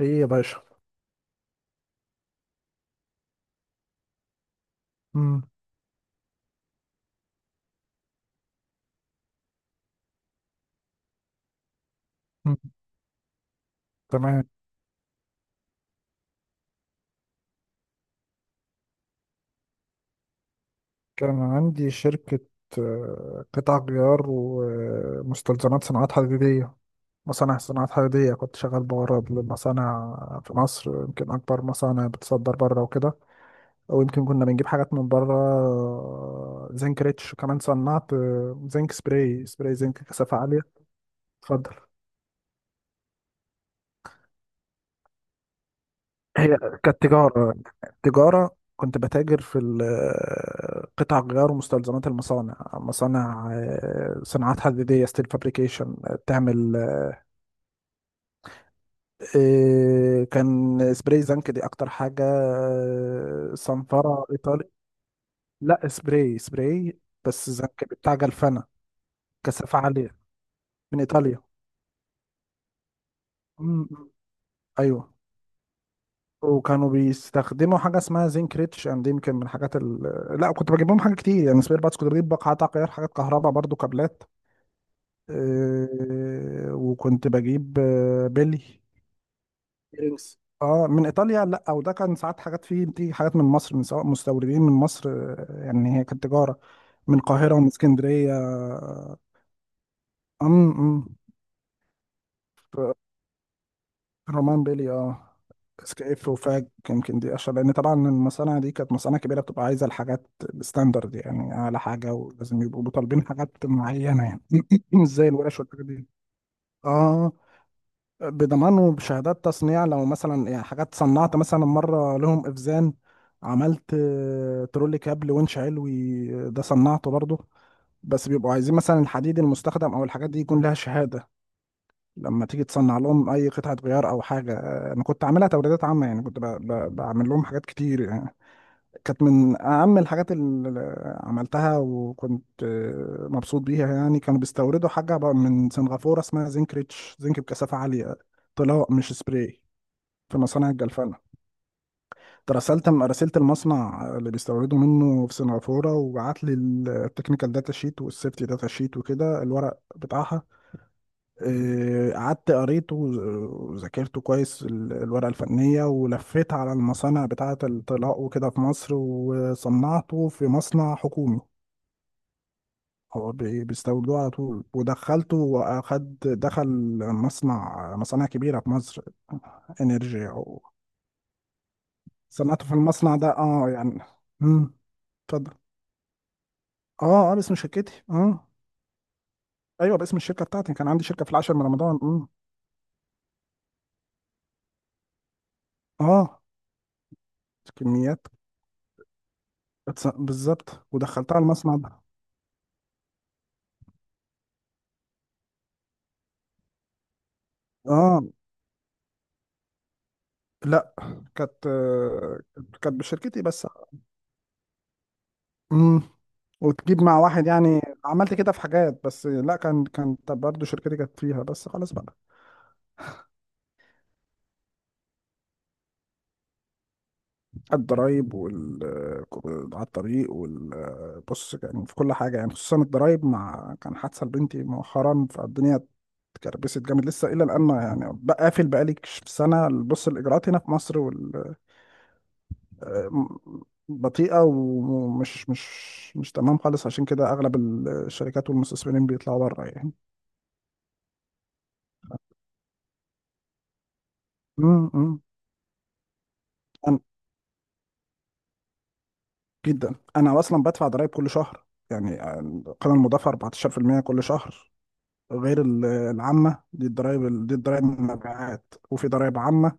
ايه يا باشا. مم. مم. تمام. كان عندي شركة، قطع غيار ومستلزمات صناعات حديدية. مصانع صناعات حديدية، كنت شغال بورد للمصانع في مصر، يمكن أكبر مصانع بتصدر بره وكده. أو يمكن كنا بنجيب حاجات من بره، زنك ريتش، وكمان صنعت زنك سبراي زنك كثافة عالية. اتفضل. هي كانت تجارة. تجارة كنت بتاجر في قطع غيار ومستلزمات المصانع، مصانع صناعات حديدية، ستيل فابريكيشن بتعمل. كان سبراي زنك دي أكتر حاجة، صنفرة إيطالي. لا سبراي سبراي، بس زنك بتاع جلفانة، كثافة عالية، من إيطاليا. م- م. أيوه. وكانوا بيستخدموا حاجه اسمها زنك ريتش اند، يمكن من الحاجات لا، كنت بجيب لهم حاجه كتير يعني، سبير باتس كنت بجيب، بقعات تغيير، حاجات كهرباء برضو، كابلات. إيه، وكنت بجيب بيلي ايرينجز، اه من ايطاليا. لا وده كان ساعات حاجات فيه، بتيجي حاجات من مصر، من سواء مستوردين من مصر، يعني هي كانت تجاره من القاهره ومن اسكندريه. امم. رومان بيلي اه، سكيف وفاج يمكن دي اشهر، لان طبعا المصانع دي كانت مصانع كبيره، بتبقى عايزه الحاجات بستاندرد يعني اعلى حاجه، ولازم يبقوا طالبين حاجات معينه يعني، مش زي الورش والحاجات دي. اه، بضمان وبشهادات تصنيع. لو مثلا يعني حاجات صنعت مثلا مره لهم افزان، عملت ترولي كابل winch علوي، ده صنعته برضه. بس بيبقوا عايزين مثلا الحديد المستخدم او الحاجات دي يكون لها شهاده. لما تيجي تصنع لهم اي قطعه غيار او حاجه، انا كنت عاملها توريدات عامه يعني، كنت بعمل لهم حاجات كتير يعني. كانت من اهم الحاجات اللي عملتها، وكنت مبسوط بيها يعني. كانوا بيستوردوا حاجه بقى من سنغافوره، اسمها زنك ريتش، زنك بكثافه عاليه، طلاء مش سبراي، في مصانع الجلفنه. رسلت المصنع اللي بيستوردوا منه في سنغافوره، وبعت لي التكنيكال داتا شيت والسيفتي داتا شيت وكده، الورق بتاعها. قعدت قريته وذاكرته كويس، الورقة الفنية، ولفيت على المصانع بتاعة الطلاء وكده في مصر، وصنعته في مصنع حكومي. هو بيستوردوه على طول، ودخلته وأخد دخل مصنع، مصانع كبيرة في مصر، انرجي أو. صنعته في المصنع ده اه يعني. مم. اتفضل. اه اه، باسم شركتي اه. ايوه، باسم الشركة بتاعتي. كان عندي شركة في العاشر من رمضان. مم. اه كميات. بالظبط، ودخلتها المصنع ده. اه. لا كانت، كانت بشركتي بس. امم. وتجيب مع واحد، يعني عملت كده في حاجات بس، لا كان، كانت برضه شركتي كانت فيها بس، خلاص بقى. الضرايب وال آه، على الطريق وال آه، بص يعني في كل حاجة، يعني خصوصا الضرايب، مع كان حادثة لبنتي مؤخرا، فالدنيا اتكربست جامد لسه إلى الآن يعني. بقى قافل بقالي سنة. بص، الإجراءات هنا في مصر، آه، بطيئة ومش مش مش تمام خالص، عشان كده أغلب الشركات والمستثمرين بيطلعوا بره يعني. مم. أنا جدا، أنا أصلا بدفع ضرايب كل شهر يعني، القيمة المضافة 14% كل شهر، غير العامة دي. الضرايب دي الضرايب من المبيعات، وفي ضرايب عامة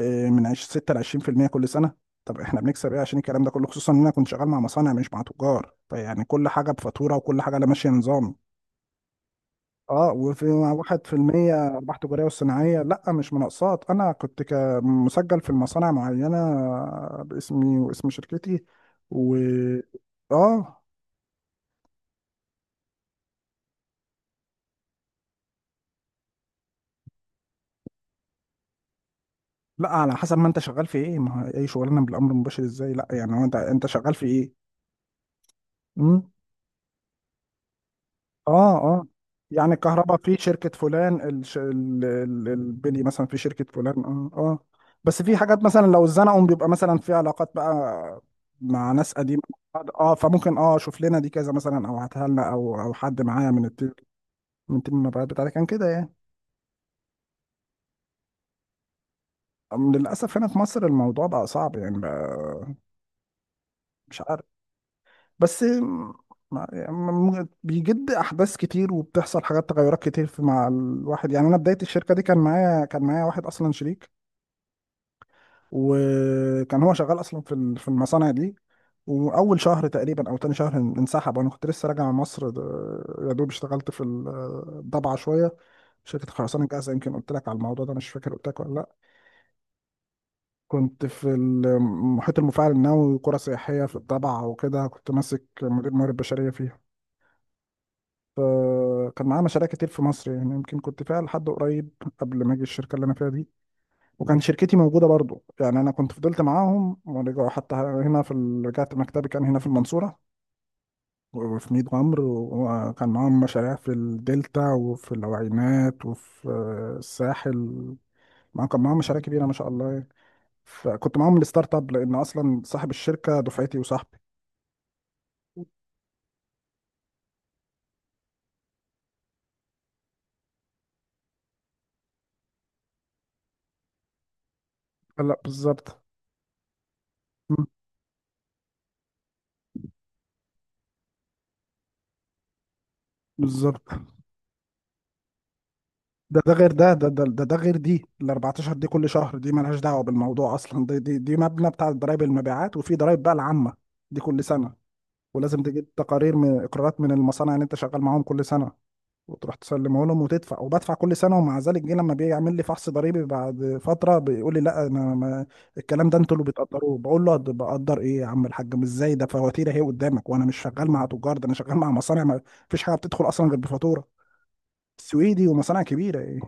من 6 ل 20% كل سنة. طب احنا بنكسب ايه عشان الكلام ده كله؟ خصوصا ان انا كنت شغال مع مصانع مش مع تجار، فيعني كل حاجة بفاتورة، وكل حاجة لا، ماشية نظام. اه، وفي مع واحد في المية أرباح تجارية والصناعية، لا مش مناقصات، أنا كنت مسجل في المصانع معينة باسمي واسم شركتي و اه. لا على حسب ما أنت شغال في إيه، ما هو أي شغلانة بالأمر المباشر إزاي؟ لا يعني هو، أنت شغال في إيه؟ إمم. اه اه، يعني الكهرباء في شركة فلان، البلي مثلا في شركة فلان، اه اه. بس في حاجات مثلا لو اتزنقوا، بيبقى مثلا في علاقات بقى مع ناس قديمة. اه، فممكن اه، شوف لنا دي كذا مثلا، او هاتها لنا، او او حد معايا من التيم، من تيم المبيعات بتاعتي. كان كده يعني. أم، للأسف هنا في مصر الموضوع بقى صعب يعني بقى، مش عارف. بس، يعني بيجد احداث كتير، وبتحصل حاجات تغيرات كتير في مع الواحد يعني. انا بدايه الشركه دي كان معايا، كان معايا واحد اصلا شريك، وكان هو شغال اصلا في في المصانع دي. واول شهر تقريبا او تاني شهر انسحب، وانا كنت لسه راجع من مصر. يا دوب اشتغلت في الضبعه شويه، شركه خرسانه جاهزه. يمكن قلت لك على الموضوع ده، مش فاكر قلت لك ولا لا. كنت في المحيط المفاعل النووي وقرى سياحيه في الضبعه وكده، كنت ماسك مدير الموارد البشريه فيها. فكان معاه مشاريع كتير في مصر يعني، يمكن كنت فيها لحد قريب قبل ما اجي الشركه اللي انا فيها دي. وكان شركتي موجودة برضو يعني. أنا كنت فضلت معاهم ورجعوا حتى هنا في رجعت مكتبي كان هنا في المنصورة وفي ميت غمر. وكان معاهم مشاريع في الدلتا وفي العوينات وفي الساحل. ما كان معاهم مشاريع كبيرة ما شاء الله يعني. فكنت معاهم الستارت اب، لأن أصلا صاحب الشركة دفعتي وصاحبي. لا بالظبط. مم. بالظبط. ده، ده غير ده، ده غير دي. ال 14 دي كل شهر، دي مالهاش دعوة بالموضوع أصلا، دي مبنى بتاع ضرايب المبيعات. وفي ضرايب بقى العامة دي كل سنة، ولازم تجيب تقارير من اقرارات من المصانع اللي انت شغال معاهم كل سنه، وتروح تسلمه لهم وتدفع. وبدفع كل سنه، ومع ذلك جه لما بيعمل لي فحص ضريبي بعد فتره، بيقول لي لا انا ما، الكلام ده انتوا اللي بتقدروه. بقول له بقدر ايه يا عم الحاج؟ مش ازاي ده؟ فواتير اهي قدامك، وانا مش شغال مع تجار، ده انا شغال مع مصانع، ما فيش حاجه بتدخل اصلا غير بفاتوره، سويدي ومصانع كبيره ايه".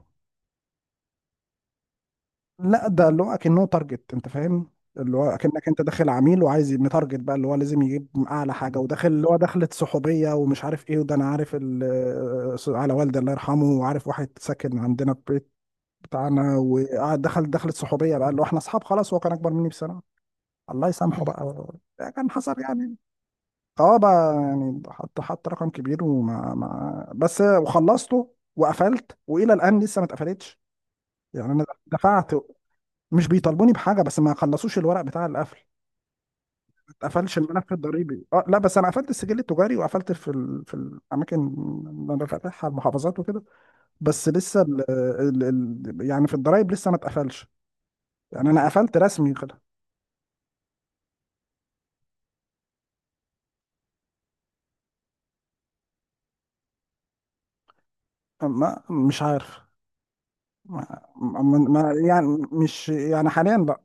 لا، ده اللي هو اكنه تارجت، انت فاهم، اللي هو اكنك انت داخل عميل وعايز متارجت بقى، اللي هو لازم يجيب اعلى حاجه. وداخل اللي هو، دخلت صحوبيه ومش عارف ايه. وده انا عارف على والدي الله يرحمه، وعارف واحد ساكن عندنا في البيت بتاعنا، وقعد دخل، دخلت صحوبيه بقى اللي هو احنا اصحاب خلاص، هو كان اكبر مني بسنه، الله يسامحه بقى. ده كان حصل يعني. اه بقى يعني، حط رقم كبير. وما ما بس، وخلصته وقفلت، والى الان لسه ما اتقفلتش يعني. انا دفعت، مش بيطالبوني بحاجه، بس ما خلصوش الورق بتاع القفل. ما اتقفلش الملف الضريبي. اه لا، بس انا قفلت السجل التجاري وقفلت في الاماكن اللي انا فاتحها، المحافظات وكده. بس لسه يعني في الضرايب لسه ما اتقفلش. يعني انا قفلت رسمي كده. ما مش عارف. ما... ما... ما... يعني مش، يعني حاليا لا.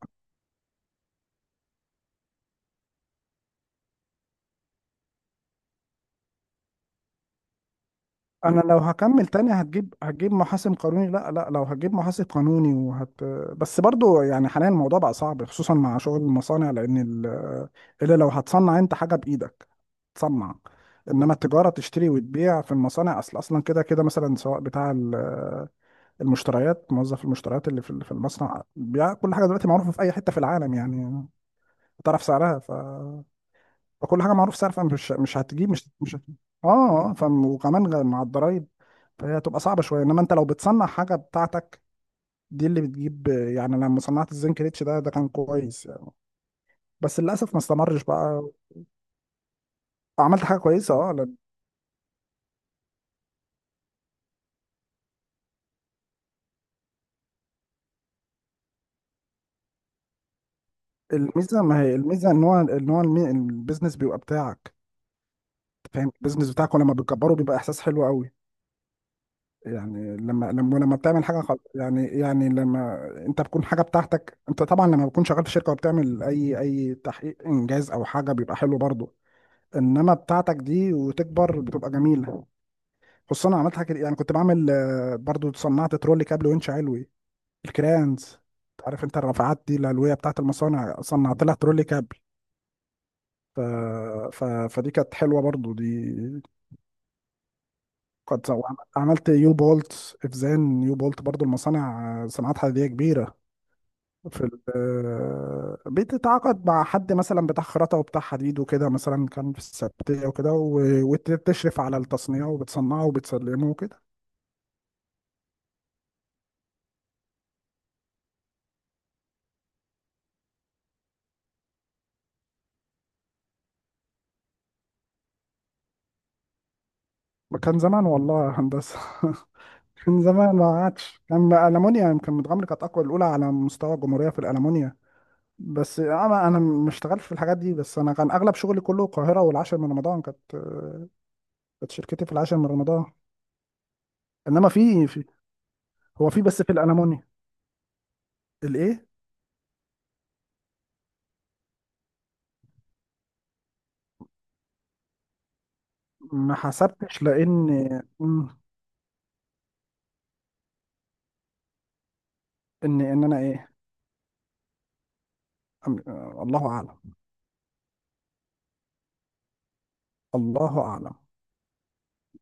انا لو هكمل تاني، هتجيب محاسب قانوني. لا لا، لو هتجيب محاسب قانوني، بس برضو يعني حاليا الموضوع بقى صعب، خصوصا مع شغل المصانع، لان الا لو هتصنع انت حاجه بايدك، تصنع. انما التجاره، تشتري وتبيع في المصانع، اصلا كده كده، مثلا سواء بتاع المشتريات، موظف المشتريات اللي في المصنع. بيع كل حاجه دلوقتي معروفه في اي حته في العالم يعني، تعرف سعرها. ف، فكل حاجه معروف سعر، فمش مش هتجيب، مش مش هت- اه اه. وكمان مع الضرايب، فهي هتبقى صعبه شويه. انما انت لو بتصنع حاجه بتاعتك، دي اللي بتجيب. يعني لما صنعت الزنك ريتش ده، ده كان كويس يعني، بس للاسف ما استمرش بقى. عملت حاجه كويسه اه. لأن الميزه، ما هي الميزه ان هو، البيزنس بيبقى بتاعك، أنت فاهم، البيزنس بتاعك، ولما بتكبره بيبقى احساس حلو قوي. يعني لما بتعمل حاجه يعني يعني لما انت بتكون حاجه بتاعتك انت، طبعا لما بتكون شغال في شركه وبتعمل اي اي تحقيق انجاز او حاجه بيبقى حلو برضه، انما بتاعتك دي وتكبر بتبقى جميله. خصوصا انا عملت حاجه يعني، كنت بعمل برضه صنعت ترولي كابل وينش علوي، الكرانز. عارف انت الرافعات دي العلويه بتاعت المصانع، صنعت لها ترولي كابل. ف... فدي كانت حلوه برضه دي. كنت عملت يو بولت افزان، يو بولت برضه المصانع صناعات حديديه كبيره. في بتتعاقد مع حد مثلا بتاع خراطة وبتاع حديد وكده، مثلا كان في السبتية وكده، وتشرف على التصنيع وبتصنعه وبتسلمه وكده. كان زمان والله يا هندسة. كان زمان، ما عادش. كان ألمونيا، يمكن متغمر كانت أقوى، الأولى على مستوى الجمهورية في الألمونيا. بس أنا ما اشتغلتش في الحاجات دي، بس أنا كان أغلب شغلي كله القاهرة والعاشر من رمضان كانت، كانت شركتي في العاشر من رمضان. إنما في هو في، بس في الألمونيا. الإيه؟ ما حسبتش لأن، مم. ان انا ايه. أم- الله اعلم. الله اعلم.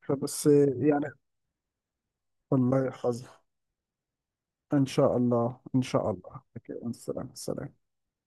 فبس يعني، والله حظ. ان شاء الله ان شاء الله. اوكي. السلام السلام.